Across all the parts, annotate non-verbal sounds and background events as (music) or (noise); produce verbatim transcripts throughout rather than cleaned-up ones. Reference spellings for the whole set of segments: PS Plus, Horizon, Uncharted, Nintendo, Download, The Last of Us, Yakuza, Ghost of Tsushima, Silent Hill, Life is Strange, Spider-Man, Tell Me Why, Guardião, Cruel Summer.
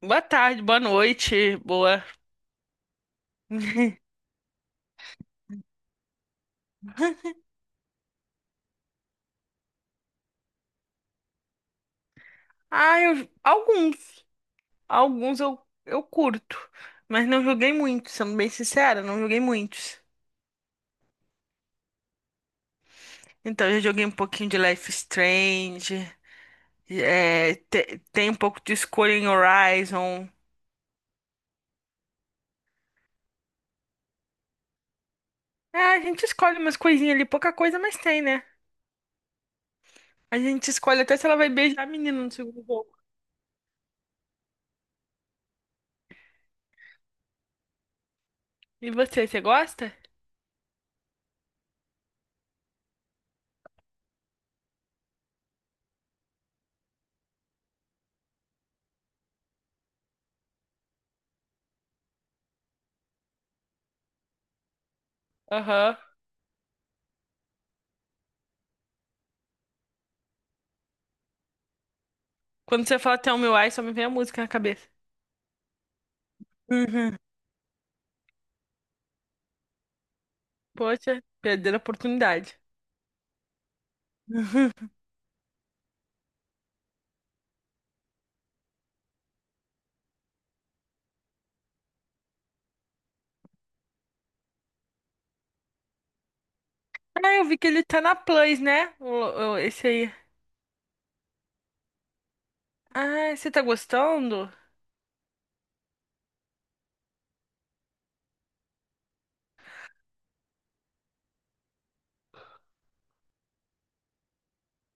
Boa tarde, boa noite, boa. (laughs) Ah, eu... alguns. Alguns eu, eu curto. Mas não joguei muitos, sendo bem sincera, não joguei muitos. Então, eu já joguei um pouquinho de Life is Strange. é, te- tem um pouco de escolha em Horizon. É, a gente escolhe umas coisinhas ali, pouca coisa, mas tem, né? A gente escolhe até se ela vai beijar a menina no segundo jogo. E você, você gosta? Aham. Quando você fala Tell Me Why, só me vem a música na cabeça. Uhum. Poxa, perder a oportunidade. Uhum. Ah, eu vi que ele tá na Plus, né? O- o- Esse aí. Ah, você tá gostando?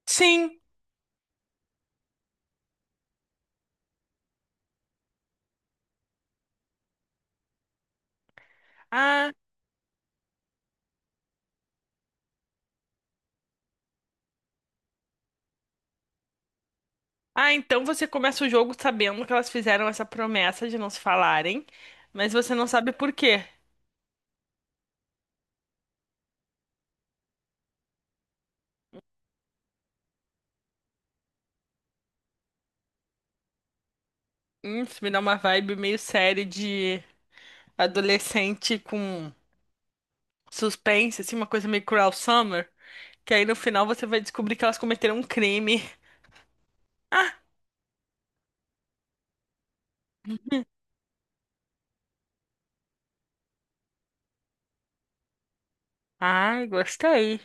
Sim. Ah, ah, então você começa o jogo sabendo que elas fizeram essa promessa de não se falarem, mas você não sabe por quê. Hum, isso me dá uma vibe meio série de adolescente com suspense, assim, uma coisa meio Cruel Summer, que aí no final você vai descobrir que elas cometeram um crime. Ah, ai, gostei.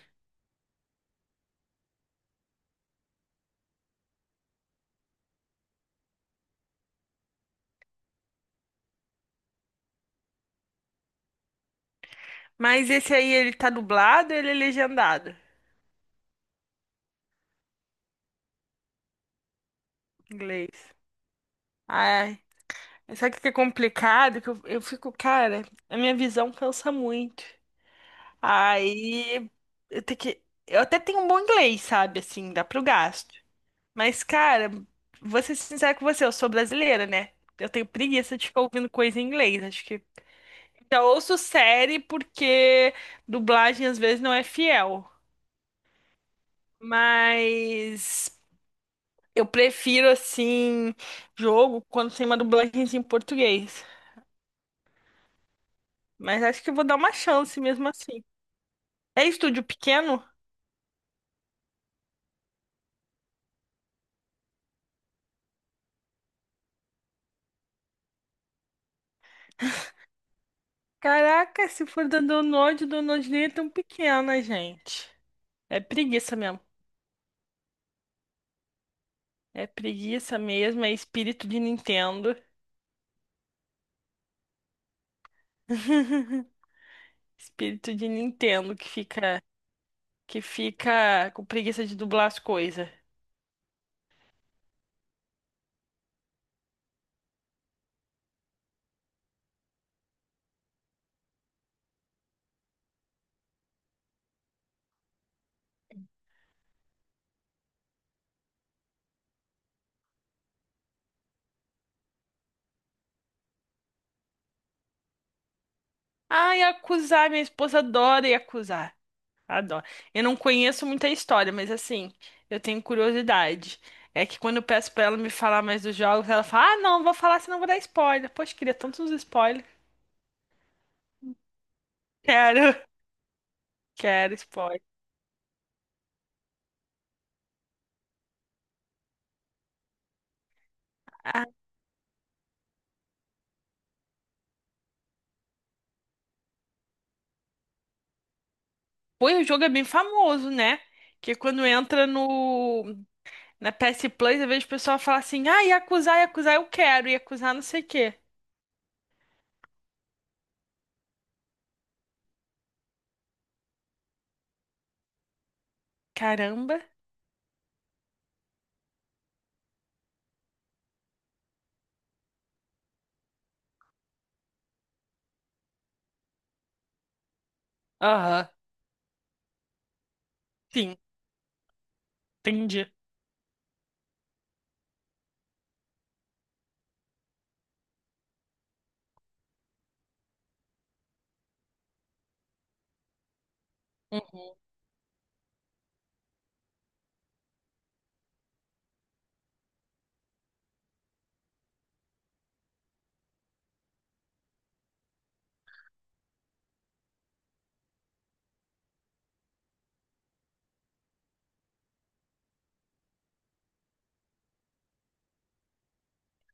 Mas esse aí, ele tá dublado ou ele é legendado? Inglês. Ah, sabe o que é complicado? Que eu, eu fico, cara, a minha visão cansa muito. Aí eu tenho que. Eu até tenho um bom inglês, sabe? Assim, dá pro gasto. Mas, cara, vou ser sincera com você, eu sou brasileira, né? Eu tenho preguiça de ficar ouvindo coisa em inglês. Acho que. Já ouço série porque dublagem às vezes não é fiel. Mas eu prefiro, assim, jogo quando tem uma dublagem em português. Mas acho que eu vou dar uma chance mesmo assim. É estúdio pequeno? Caraca, se for da Download, o Download nem é tão pequena, gente. É preguiça mesmo. É preguiça mesmo, é espírito de Nintendo. (laughs) Espírito de Nintendo que fica que fica com preguiça de dublar as coisas. Ai, acusar, minha esposa adora acusar. Adora. Eu não conheço muita história, mas assim, eu tenho curiosidade. É que quando eu peço pra ela me falar mais dos jogos, ela fala: "Ah, não, vou falar, senão vou dar spoiler". Poxa, queria tantos spoilers. Quero. Quero spoiler. Ah, pô, e o jogo é bem famoso, né? Que quando entra no na P S Plus, eu vejo o pessoal falar assim: "Ah, Yakuza, Yakuza, eu quero, Yakuza não sei o quê". Caramba. Aham. Sim, entendi. Uhum.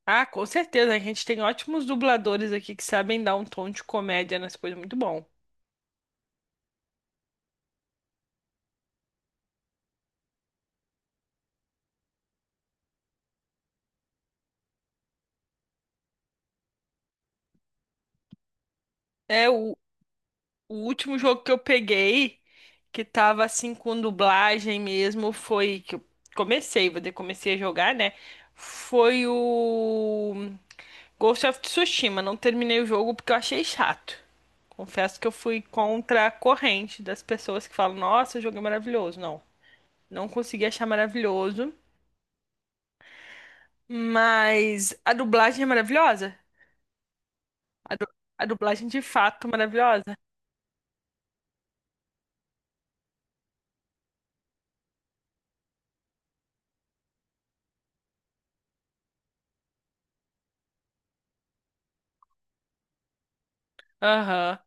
Ah, com certeza, a gente tem ótimos dubladores aqui que sabem dar um tom de comédia nas coisas, muito bom. É o, o último jogo que eu peguei que tava assim com dublagem mesmo foi que eu comecei, vou dizer, comecei a jogar, né? Foi o Ghost of Tsushima, não terminei o jogo porque eu achei chato. Confesso que eu fui contra a corrente das pessoas que falam: Nossa, o jogo é maravilhoso. Não, não consegui achar maravilhoso. Mas a dublagem é maravilhosa. A, du- a dublagem de fato é maravilhosa. Aham.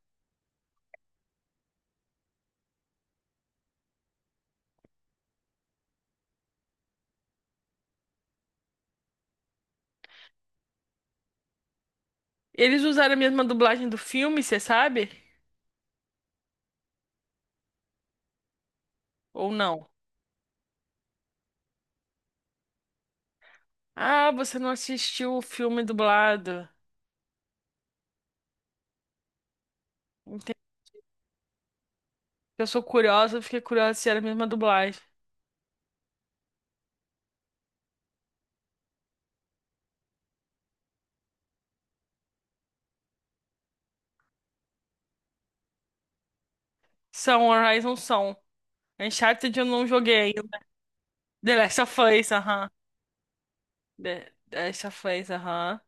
Eles usaram a mesma dublagem do filme, você sabe? Ou não? Ah, você não assistiu o filme dublado. Entendi. Eu sou curiosa, eu fiquei curiosa se era a mesma dublagem. São, Horizon são. Uncharted eu não joguei The Last of Us, aham. The The Last of Us, aham.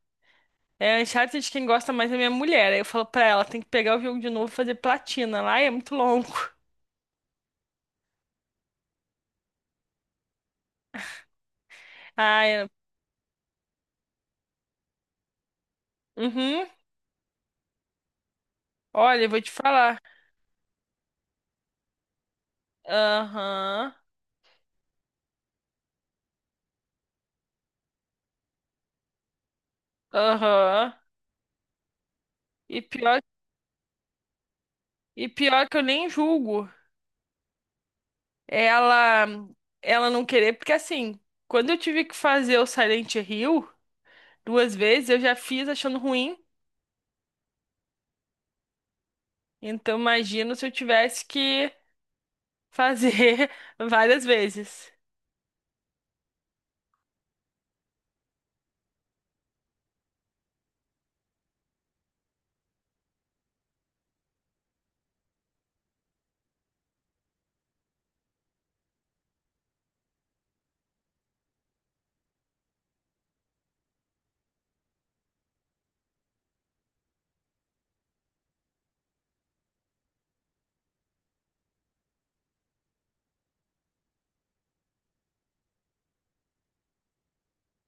É Uncharted de quem gosta mais é minha mulher. Aí eu falo pra ela, tem que pegar o jogo de novo e fazer platina. Lá é muito longo. (laughs) Ah, é. Uhum. Olha, eu vou te falar. Aham. Aham. E pior, e pior que eu nem julgo ela, ela não querer, porque assim, quando eu tive que fazer o Silent Hill duas vezes, eu já fiz achando ruim. Então imagino se eu tivesse que fazer (laughs) várias vezes.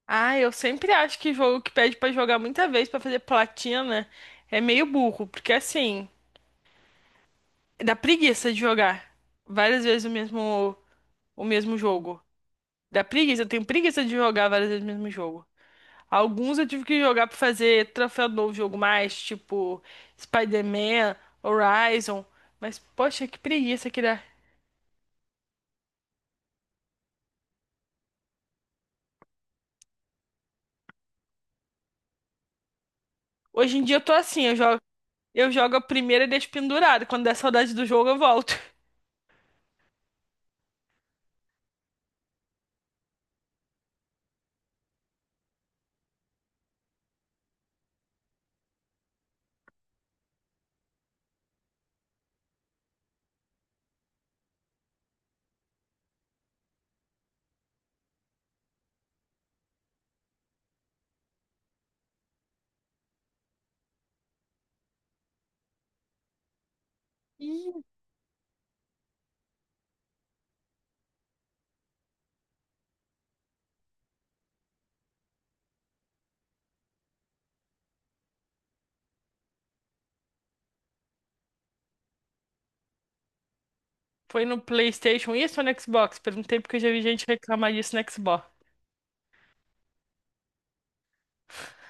Ah, eu sempre acho que jogo que pede pra jogar muita vez pra fazer platina é meio burro, porque assim, dá preguiça de jogar várias vezes o mesmo o mesmo jogo. Dá preguiça, eu tenho preguiça de jogar várias vezes o mesmo jogo. Alguns eu tive que jogar pra fazer troféu do jogo mais, tipo Spider-Man, Horizon, mas poxa, que preguiça que dá. Hoje em dia eu tô assim, eu jogo, eu jogo, a primeira e deixo pendurado, quando der saudade do jogo eu volto. (laughs) Foi no PlayStation isso ou no Xbox? Perguntei porque eu já vi gente reclamar disso no Xbox. (laughs)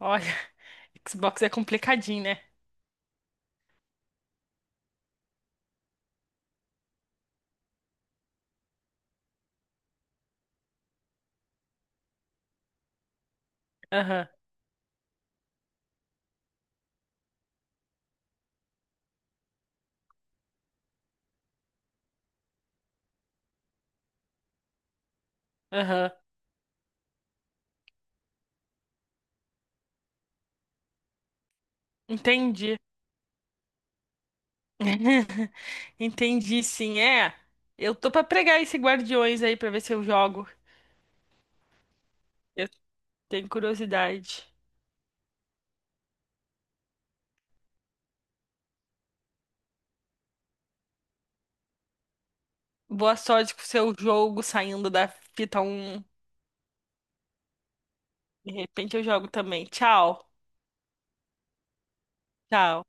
Olha, Xbox é complicadinho, né? Aham, aham. Entendi. (laughs) Entendi, sim. É, eu tô pra pregar esse Guardiões aí pra ver se eu jogo. Eu tenho curiosidade. Boa sorte com o seu jogo saindo da fita um. De repente eu jogo também. Tchau. Tchau.